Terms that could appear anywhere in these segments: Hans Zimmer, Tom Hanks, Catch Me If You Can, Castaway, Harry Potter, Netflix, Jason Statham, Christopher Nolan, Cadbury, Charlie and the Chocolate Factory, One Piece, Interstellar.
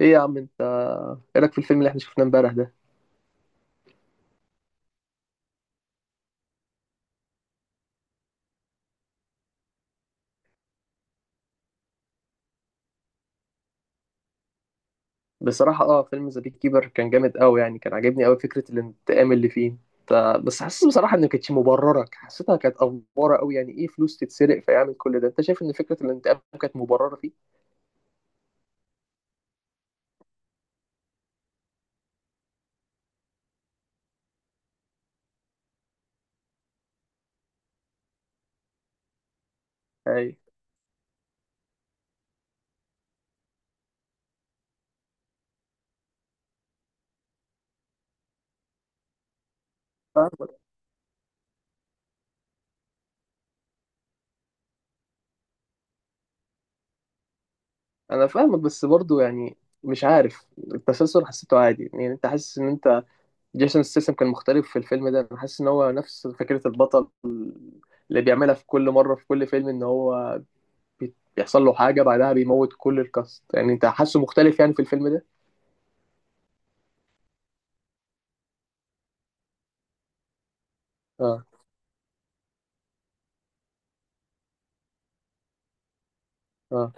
ايه يا عم انت، ايه رايك في الفيلم اللي احنا شفناه امبارح ده؟ بصراحه فيلم ذا بيك كيبر كان جامد قوي يعني، كان عاجبني قوي فكره الانتقام اللي فيه. انت بس حاسس بصراحه ان ما كانتش مبرره، حسيتها كانت افوره قوي. يعني ايه فلوس تتسرق فيعمل كل ده؟ انت شايف ان فكره الانتقام كانت مبرره فيه؟ اي فاهمك. انا فاهمك بس برضو يعني مش عارف، التسلسل حسيته عادي. يعني انت حاسس ان انت جيسون ستاثام كان مختلف في الفيلم ده؟ انا حاسس ان هو نفس فكره البطل اللي بيعملها في كل مره في كل فيلم، ان هو بيحصل له حاجة بعدها بيموت كل الكاست. يعني انت حاسه مختلف يعني في الفيلم ده؟ اه. اه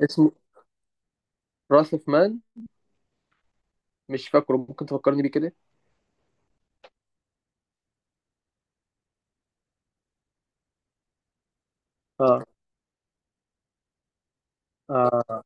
اسمه راس اوف مان، مش فاكره، ممكن تفكرني بيه كده. اه. اه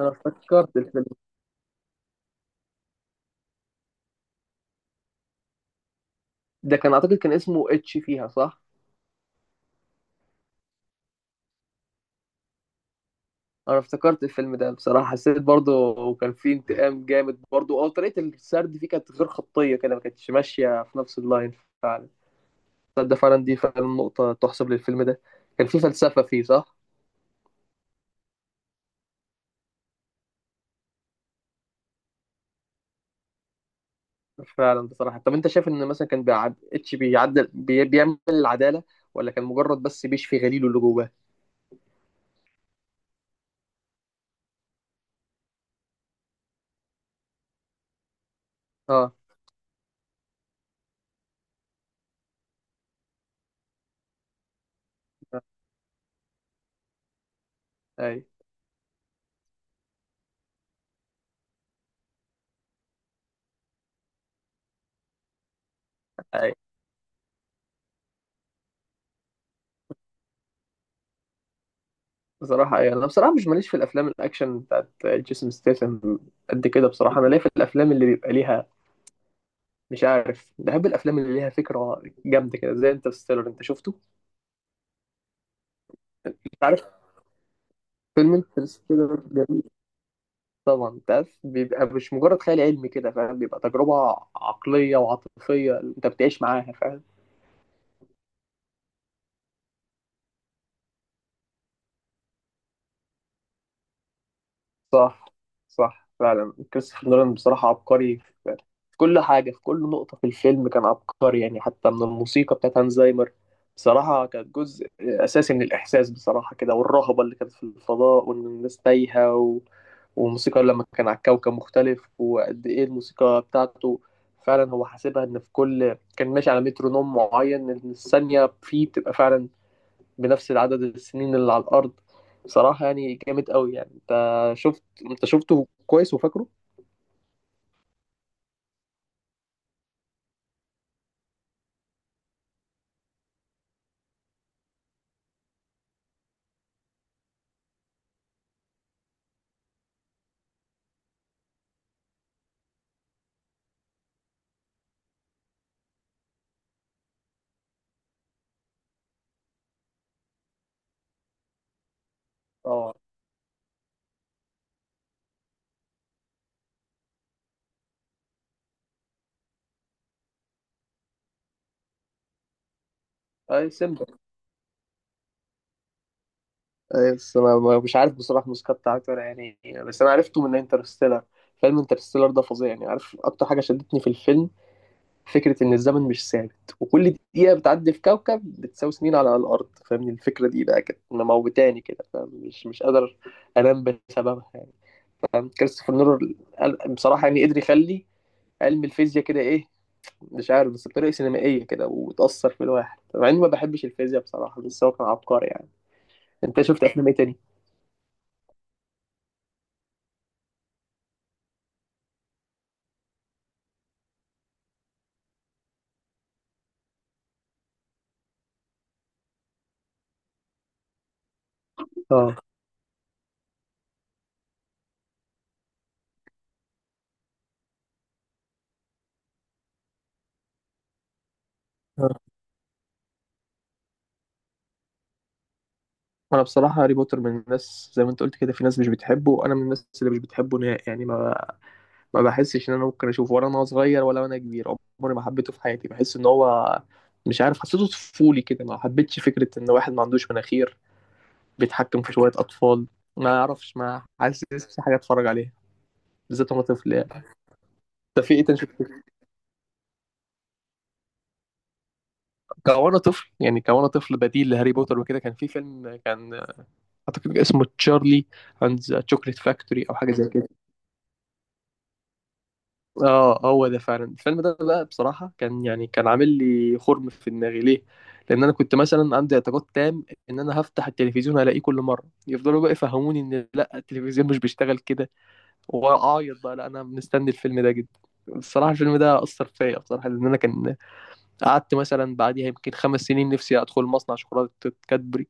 انا افتكرت الفيلم ده. كان اعتقد كان اسمه اتش فيها، صح؟ انا افتكرت الفيلم ده بصراحة، حسيت برضه كان فيه انتقام جامد برضه. اه طريقة السرد فيه كانت غير خطية كده، ما كانتش ماشية في نفس اللاين فعلا. تصدق فعلا دي فعلا نقطة تحسب للفيلم ده. كان فيه فلسفة فيه، صح؟ فعلا. بصراحة طب انت شايف ان مثلا كان اتش بيعدل بيعمل العدالة، ولا كان مجرد بس بيشفي غليله اللي جواه؟ اه. اي. اي بصراحة، اي انا بصراحة مش ماليش في الافلام الاكشن بتاعت جيسون ستاثام قد كده. بصراحة انا ليا في الافلام اللي بيبقى ليها مش عارف، بحب الافلام اللي ليها فكرة جامدة كده زي انترستيلر. انت شفته؟ انت عارف فيلم انترستيلر جميل. طبعا انت عارف بيبقى مش مجرد خيال علمي كده، فاهم، بيبقى تجربة عقلية وعاطفية انت بتعيش معاها، فاهم. صح. صح فعلا كريستوفر نولان بصراحة عبقري في في كل حاجة، في كل نقطة في الفيلم كان عبقري يعني. حتى من الموسيقى بتاعت هانزايمر بصراحة، كانت جزء أساسي من الإحساس بصراحة، كده والرهبة اللي كانت في الفضاء وإن الناس تايهة، و... والموسيقى لما كان على كوكب مختلف، وقد إيه الموسيقى بتاعته. فعلا هو حاسبها إن في كل كان ماشي على مترونوم معين، إن الثانية فيه بتبقى فعلا بنفس العدد السنين اللي على الأرض. بصراحة يعني جامد قوي يعني. شفت انت شفته كويس وفاكره؟ اه. اي سيمبا. اي بس انا مش عارف بصراحة الموسيقى بتاعته ولا يعني، بس انا عرفته من انترستيلر. فيلم انترستيلر ده فظيع يعني. عارف اكتر حاجة شدتني في الفيلم؟ فكرة ان الزمن مش ثابت وكل دقيقة بتعدي في كوكب بتساوي سنين على الأرض، فاهمني. الفكرة دي بقى كانت مموتاني كده، فاهم، مش قادر انام بسببها يعني. فاهم كريستوفر نولان بصراحة يعني قدر يخلي علم الفيزياء كده، ايه، مش عارف، بس بطريقة سينمائية كده وتأثر في الواحد مع إني ما بحبش الفيزياء بصراحة، بس هو كان عبقري يعني. أنت شفت أفلام إيه تاني؟ آه. آه. أنا بصراحة هاري بوتر، من الناس زي ما أنت قلت كده، في ناس مش بتحبه وأنا من الناس اللي مش بتحبه نهائي يعني. ما بحسش إن أنا ممكن أشوفه، ولا أنا صغير ولا وأنا كبير. عمري ما حبيته في حياتي. بحس إن هو مش عارف، حسيته طفولي كده. ما حبيتش فكرة إن واحد ما عندوش مناخير بيتحكم في شوية أطفال. ما أعرفش، ما حاسس في حاجة أتفرج عليها، بالذات وأنا طفل يعني. أنت في إيه تاني شفته؟ كوانا طفل يعني، كوانا طفل بديل لهاري بوتر وكده. كان في فيلم، كان اعتقد اسمه تشارلي اند ذا تشوكليت فاكتوري او حاجه زي كده. اه هو ده فعلا. الفيلم ده بقى بصراحه، كان يعني كان عامل لي خرم في دماغي. ليه؟ لان انا كنت مثلا عندي اعتقاد تام ان انا هفتح التلفزيون الاقيه كل مره. يفضلوا بقى يفهموني ان لا، التلفزيون مش بيشتغل كده، واعيط بقى، لا انا مستني الفيلم ده جدا. بصراحة الفيلم ده أثر فيا بصراحة، لأن أنا كان قعدت مثلا بعديها يمكن 5 سنين نفسي أدخل مصنع شوكولاتة كادبري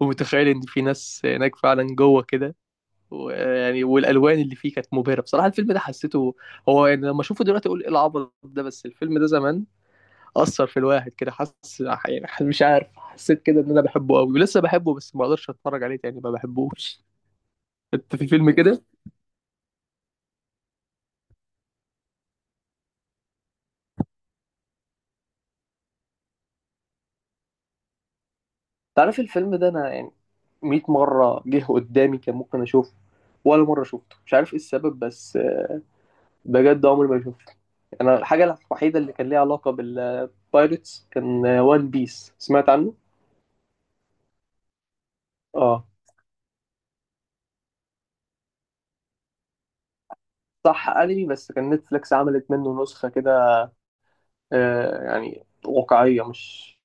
ومتخيل ان في ناس هناك فعلا جوه كده. ويعني والالوان اللي فيه كانت مبهره بصراحه. الفيلم ده حسيته، هو يعني لما اشوفه دلوقتي اقول ايه العبط ده، بس الفيلم ده زمان اثر في الواحد كده. حس يعني مش عارف، حسيت كده ان انا بحبه قوي ولسه بحبه، بس ما اقدرش اتفرج عليه تاني، ما بحبوش. انت في فيلم كده، تعرف الفيلم ده، انا يعني 100 مره جه قدامي كان ممكن اشوفه، ولا مره شفته، مش عارف ايه السبب، بس بجد عمري ما شفته. انا الحاجه الوحيده اللي كان ليها علاقه بالبايرتس كان وان بيس، سمعت عنه. اه. صح انمي بس كان نتفليكس عملت منه نسخه كده، آه يعني واقعيه، مش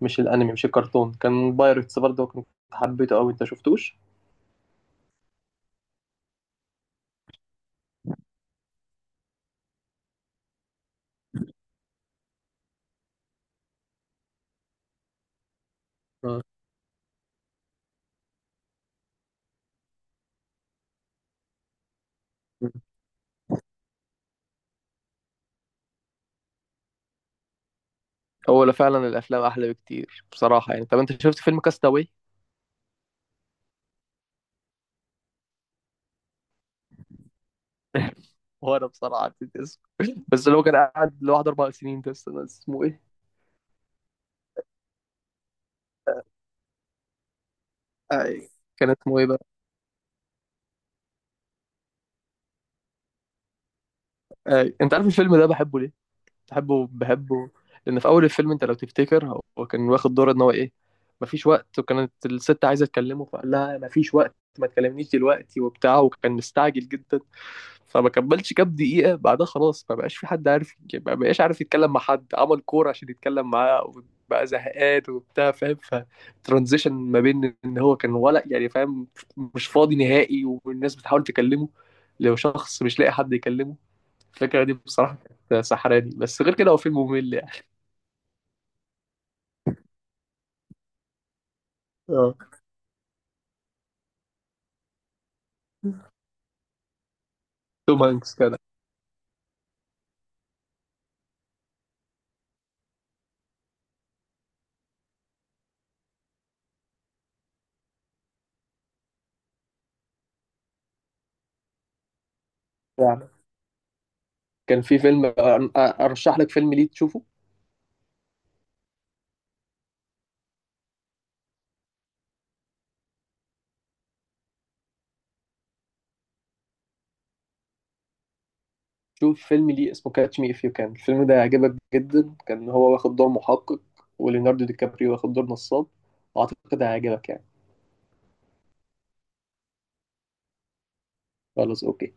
مش الانمي مش الكرتون، كان بايرتس برضه، كنت حبيته قوي. انت شفتوش؟ آه. هو لا فعلا الافلام احلى بكتير بصراحه يعني. طب انت شفت فيلم كاستاوي؟ هو انا بصراحه نسيت اسمه، بس اللي هو كان قاعد لوحده 4 سنين ده، استنى اسمه ايه؟ اي. كان اسمه ايه بقى؟ اي انت عارف الفيلم ده بحبه ليه؟ بحبه بحبه لان في اول الفيلم، انت لو تفتكر، هو كان واخد دور ان هو ايه، مفيش وقت. وكانت الست عايزه تكلمه فقال لها مفيش وقت ما تكلمنيش دلوقتي وبتاع، وكان مستعجل جدا. فما كملش كام دقيقه بعدها خلاص، ما بقاش في حد عارف، ما بقاش عارف يتكلم مع حد، عمل كوره عشان يتكلم معاه، وبقى زهقان وبتاع، فاهم. فترانزيشن ما بين ان هو كان، ولا يعني فاهم، مش فاضي نهائي والناس بتحاول تكلمه، لو شخص مش لاقي حد يكلمه. الفكرة دي بصراحة كانت سحراني، بس غير كده هو فيلم ممل يعني. اه توم هانكس كده يعني. كان في فيلم أرشح لك فيلم ليه تشوفه. شوف فيلم ليه اسمه كاتش مي إف يو كان. الفيلم ده هيعجبك جدا، كان هو واخد دور محقق، وليوناردو دي كابريو واخد دور نصاب، وأعتقد هيعجبك يعني. خلاص أوكي.